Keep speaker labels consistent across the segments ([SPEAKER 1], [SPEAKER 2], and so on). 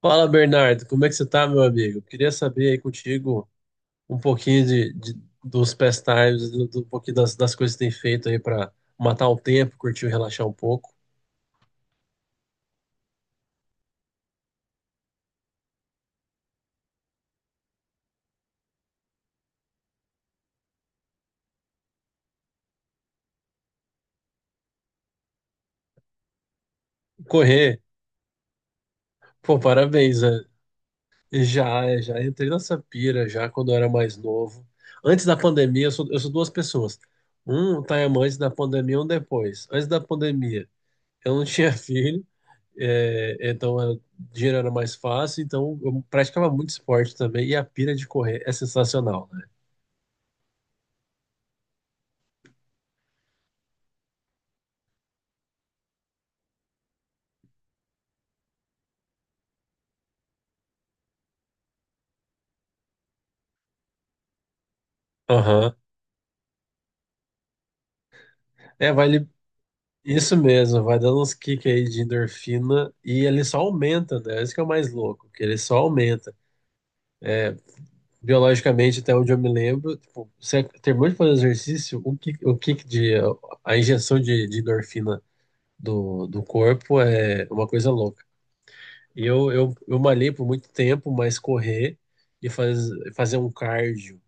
[SPEAKER 1] Fala, Bernardo, como é que você tá, meu amigo? Queria saber aí contigo um pouquinho dos pastimes, um pouquinho das coisas que tem feito aí pra matar o tempo, curtir e relaxar um pouco. Correr, pô, parabéns, né? Já entrei nessa pira já quando eu era mais novo. Antes da pandemia, eu sou duas pessoas. Um time antes da pandemia, um depois. Antes da pandemia, eu não tinha filho, é, dinheiro era mais fácil, então eu praticava muito esporte também, e a pira de correr é sensacional, né? Aham. É, vai, li- isso mesmo, vai dando uns kicks aí de endorfina e ele só aumenta, né? Isso que é o mais louco, que ele só aumenta. Biologicamente, até onde eu me lembro, tipo, você terminou de fazer exercício, o kick de, a injeção de endorfina do corpo é uma coisa louca. E eu malhei por muito tempo, mas correr e faz, fazer um cardio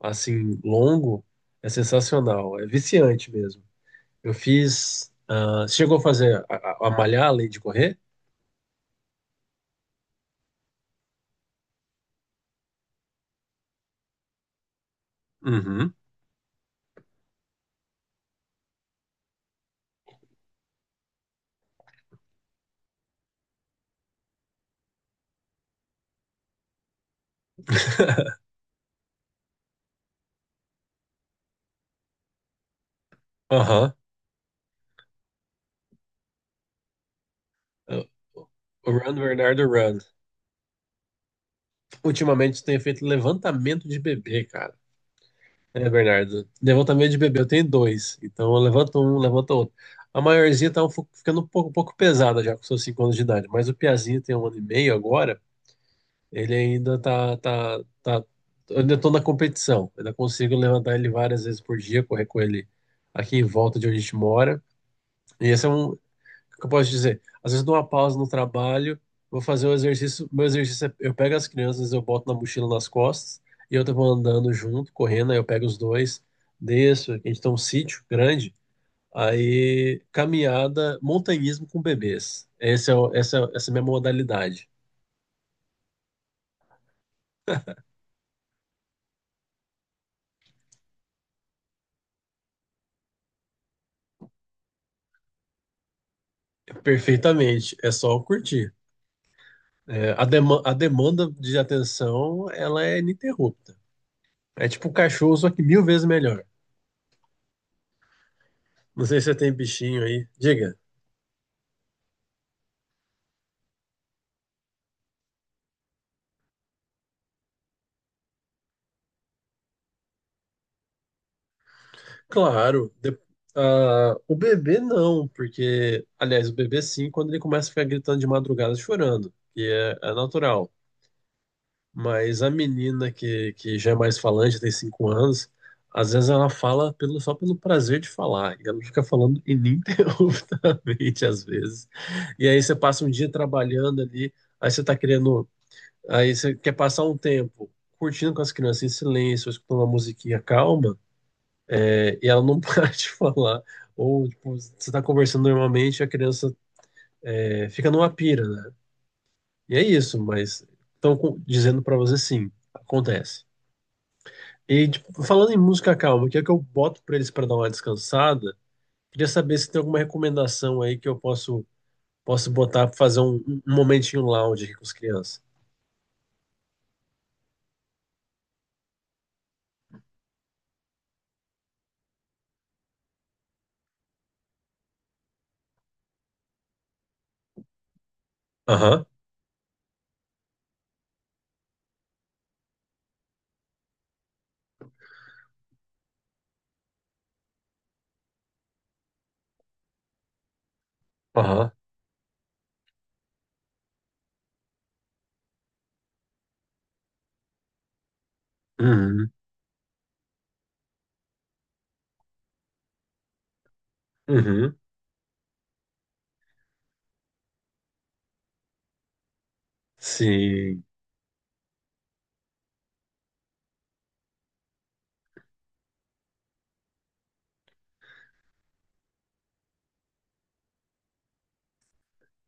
[SPEAKER 1] assim longo é sensacional, é viciante mesmo. Eu fiz. Ah, você chegou a fazer a malhar além de correr? Uhum. Aham. O Run, Bernardo, Run. Ultimamente eu tenho feito levantamento de bebê, cara. É, Bernardo. Levantamento de bebê, eu tenho dois. Então eu levanto um, levanto outro. A maiorzinha tá um ficando um pouco pesada já com seus 5 anos de idade, mas o Piazinho tem um ano e meio agora. Ele ainda tá, eu ainda tô na competição. Ainda consigo levantar ele várias vezes por dia, correr com ele aqui em volta de onde a gente mora. E esse é um, o que eu posso dizer, às vezes eu dou uma pausa no trabalho, vou fazer o exercício, meu exercício é, eu pego as crianças, eu boto na mochila nas costas e eu vou andando junto, correndo, aí eu pego os dois, desço, aqui a gente tem um sítio grande, aí caminhada, montanhismo com bebês. Esse é, o- essa é a minha modalidade. Perfeitamente, é só curtir. É, a demanda de atenção, ela é ininterrupta. É tipo um cachorro, só que mil vezes melhor. Não sei se você tem bichinho aí. Diga. Claro. Ah, o bebê não, porque... Aliás, o bebê sim, quando ele começa a ficar gritando de madrugada, chorando. Que é, é natural. Mas a menina que já é mais falante, tem cinco anos, às vezes ela fala pelo, só pelo prazer de falar. E ela fica falando ininterruptamente, às vezes. E aí você passa um dia trabalhando ali, aí você tá querendo. Aí você quer passar um tempo curtindo com as crianças em silêncio, escutando uma musiquinha calma, é, e ela não para de falar. Ou, tipo, você tá conversando normalmente e a criança é, fica numa pira, né? E é isso, mas estão dizendo para você sim, acontece. E tipo, falando em música calma, que é que eu boto pra eles pra dar uma descansada? Queria saber se tem alguma recomendação aí que eu posso botar pra fazer um momentinho lounge aqui com as crianças. Aham, aham. Uhum, uhum. Sim.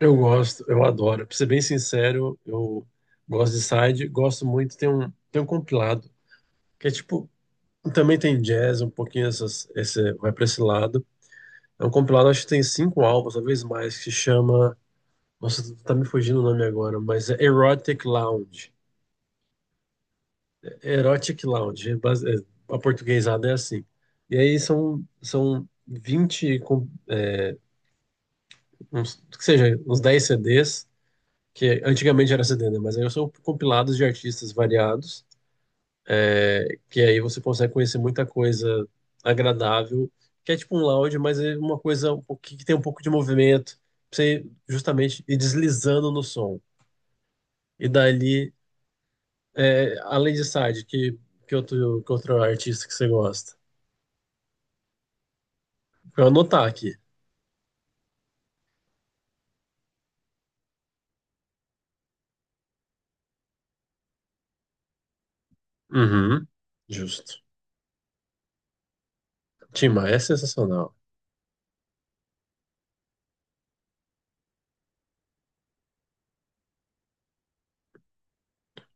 [SPEAKER 1] Eu gosto, eu adoro. Pra ser bem sincero, eu gosto de side, gosto muito. Tem um compilado que é tipo. Também tem jazz, um pouquinho esse, vai pra esse lado. É um compilado, acho que tem cinco álbuns, talvez mais, que se chama. Nossa, tu tá me fugindo o nome agora, mas é Erotic Lounge. Erotic Lounge, a portuguesada é assim. E aí são 20 com, uns, que seja, uns 10 CDs, que antigamente era CD, né? Mas aí são compilados de artistas variados, que aí você consegue conhecer muita coisa agradável, que é tipo um lounge, mas é uma coisa que tem um pouco de movimento, pra você justamente ir deslizando no som. E dali é, além de Sade, que outro, que outro artista que você gosta? Pra eu anotar aqui. Uhum. Justo. Tim Maia é sensacional.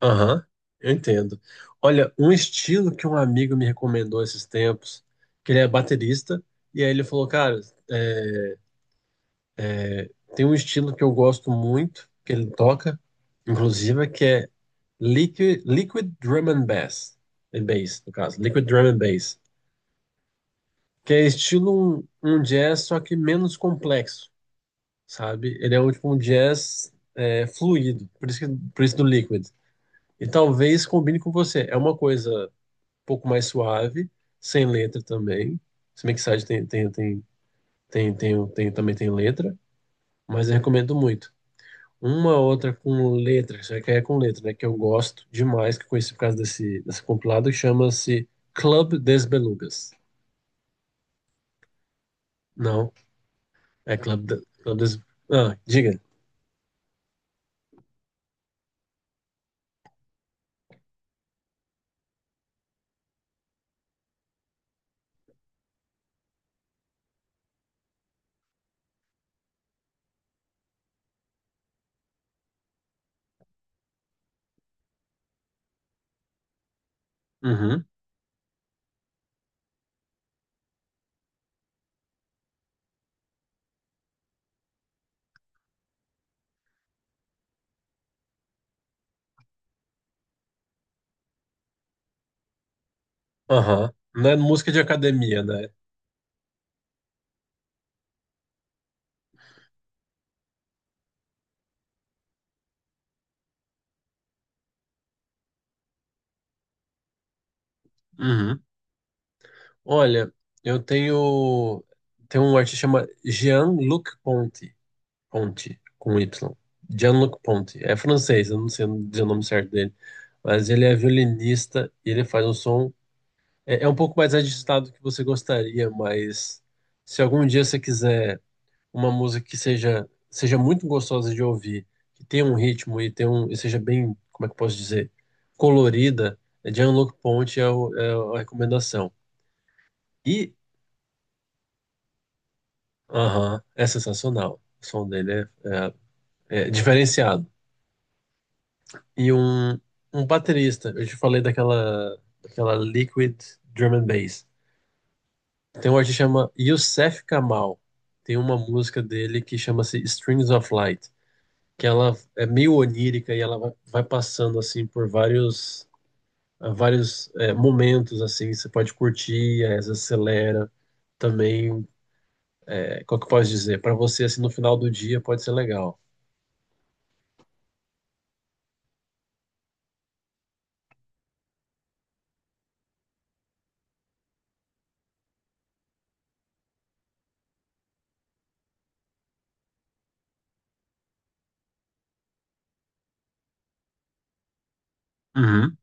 [SPEAKER 1] Aham, eu entendo. Olha, um estilo que um amigo me recomendou esses tempos, que ele é baterista, e aí ele falou, cara, tem um estilo que eu gosto muito, que ele toca, inclusive, que é Liquid Drum and Bass, é bass, no caso, Liquid Drum and Bass, que é estilo um, um jazz, só que menos complexo. Sabe? Ele é um, tipo, um jazz é, fluido, por isso que, por isso do Liquid. E talvez combine com você. É uma coisa um pouco mais suave, sem letra também. Se bem que Sade também tem letra, mas eu recomendo muito. Uma outra com letra, já que é com letra, né? Que eu gosto demais, que eu conheci por causa desse compilado, que chama-se Club des Belugas. Não, é Club des... Ah, diga. Uhum, aham. Não é música de academia, né? Uhum. Olha, eu tenho tem um artista chama Jean-Luc Ponty, Ponty com Y. Jean-Luc Ponty. É francês, eu não sei dizer o nome certo dele, mas ele é violinista e ele faz um som é, é um pouco mais agitado do que você gostaria, mas se algum dia você quiser uma música que seja muito gostosa de ouvir, que tenha um ritmo e tenha um e seja bem, como é que eu posso dizer, colorida, Jean-Luc Ponty é, o- é a recomendação. E aham, é sensacional. O som dele é diferenciado. E um baterista, eu te falei daquela Liquid Drum and Bass. Tem um artista que chama Youssef Kamal. Tem uma música dele que chama-se Strings of Light, que ela é meio onírica e ela vai, vai passando assim por vários é, momentos assim. Você pode curtir, às vezes acelera também. É, qual que eu posso dizer? Para você assim no final do dia pode ser legal. Uhum.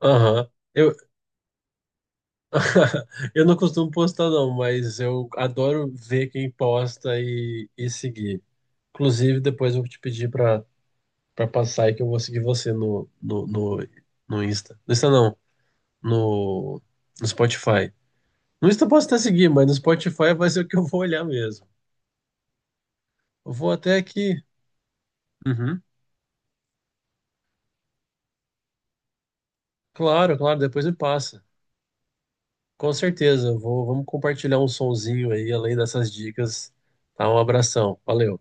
[SPEAKER 1] Aham. Eu, eu não costumo postar, não, mas eu adoro ver quem posta e seguir. Inclusive, depois eu vou te pedir para passar e que eu vou seguir você no Insta. No Insta não, no, no Spotify. No Insta eu posso até seguir, mas no Spotify vai ser o que eu vou olhar mesmo. Eu vou até aqui. Uhum. Claro, depois me passa. Com certeza, eu vou, vamos compartilhar um sonzinho aí, além dessas dicas. Tá, um abração. Valeu.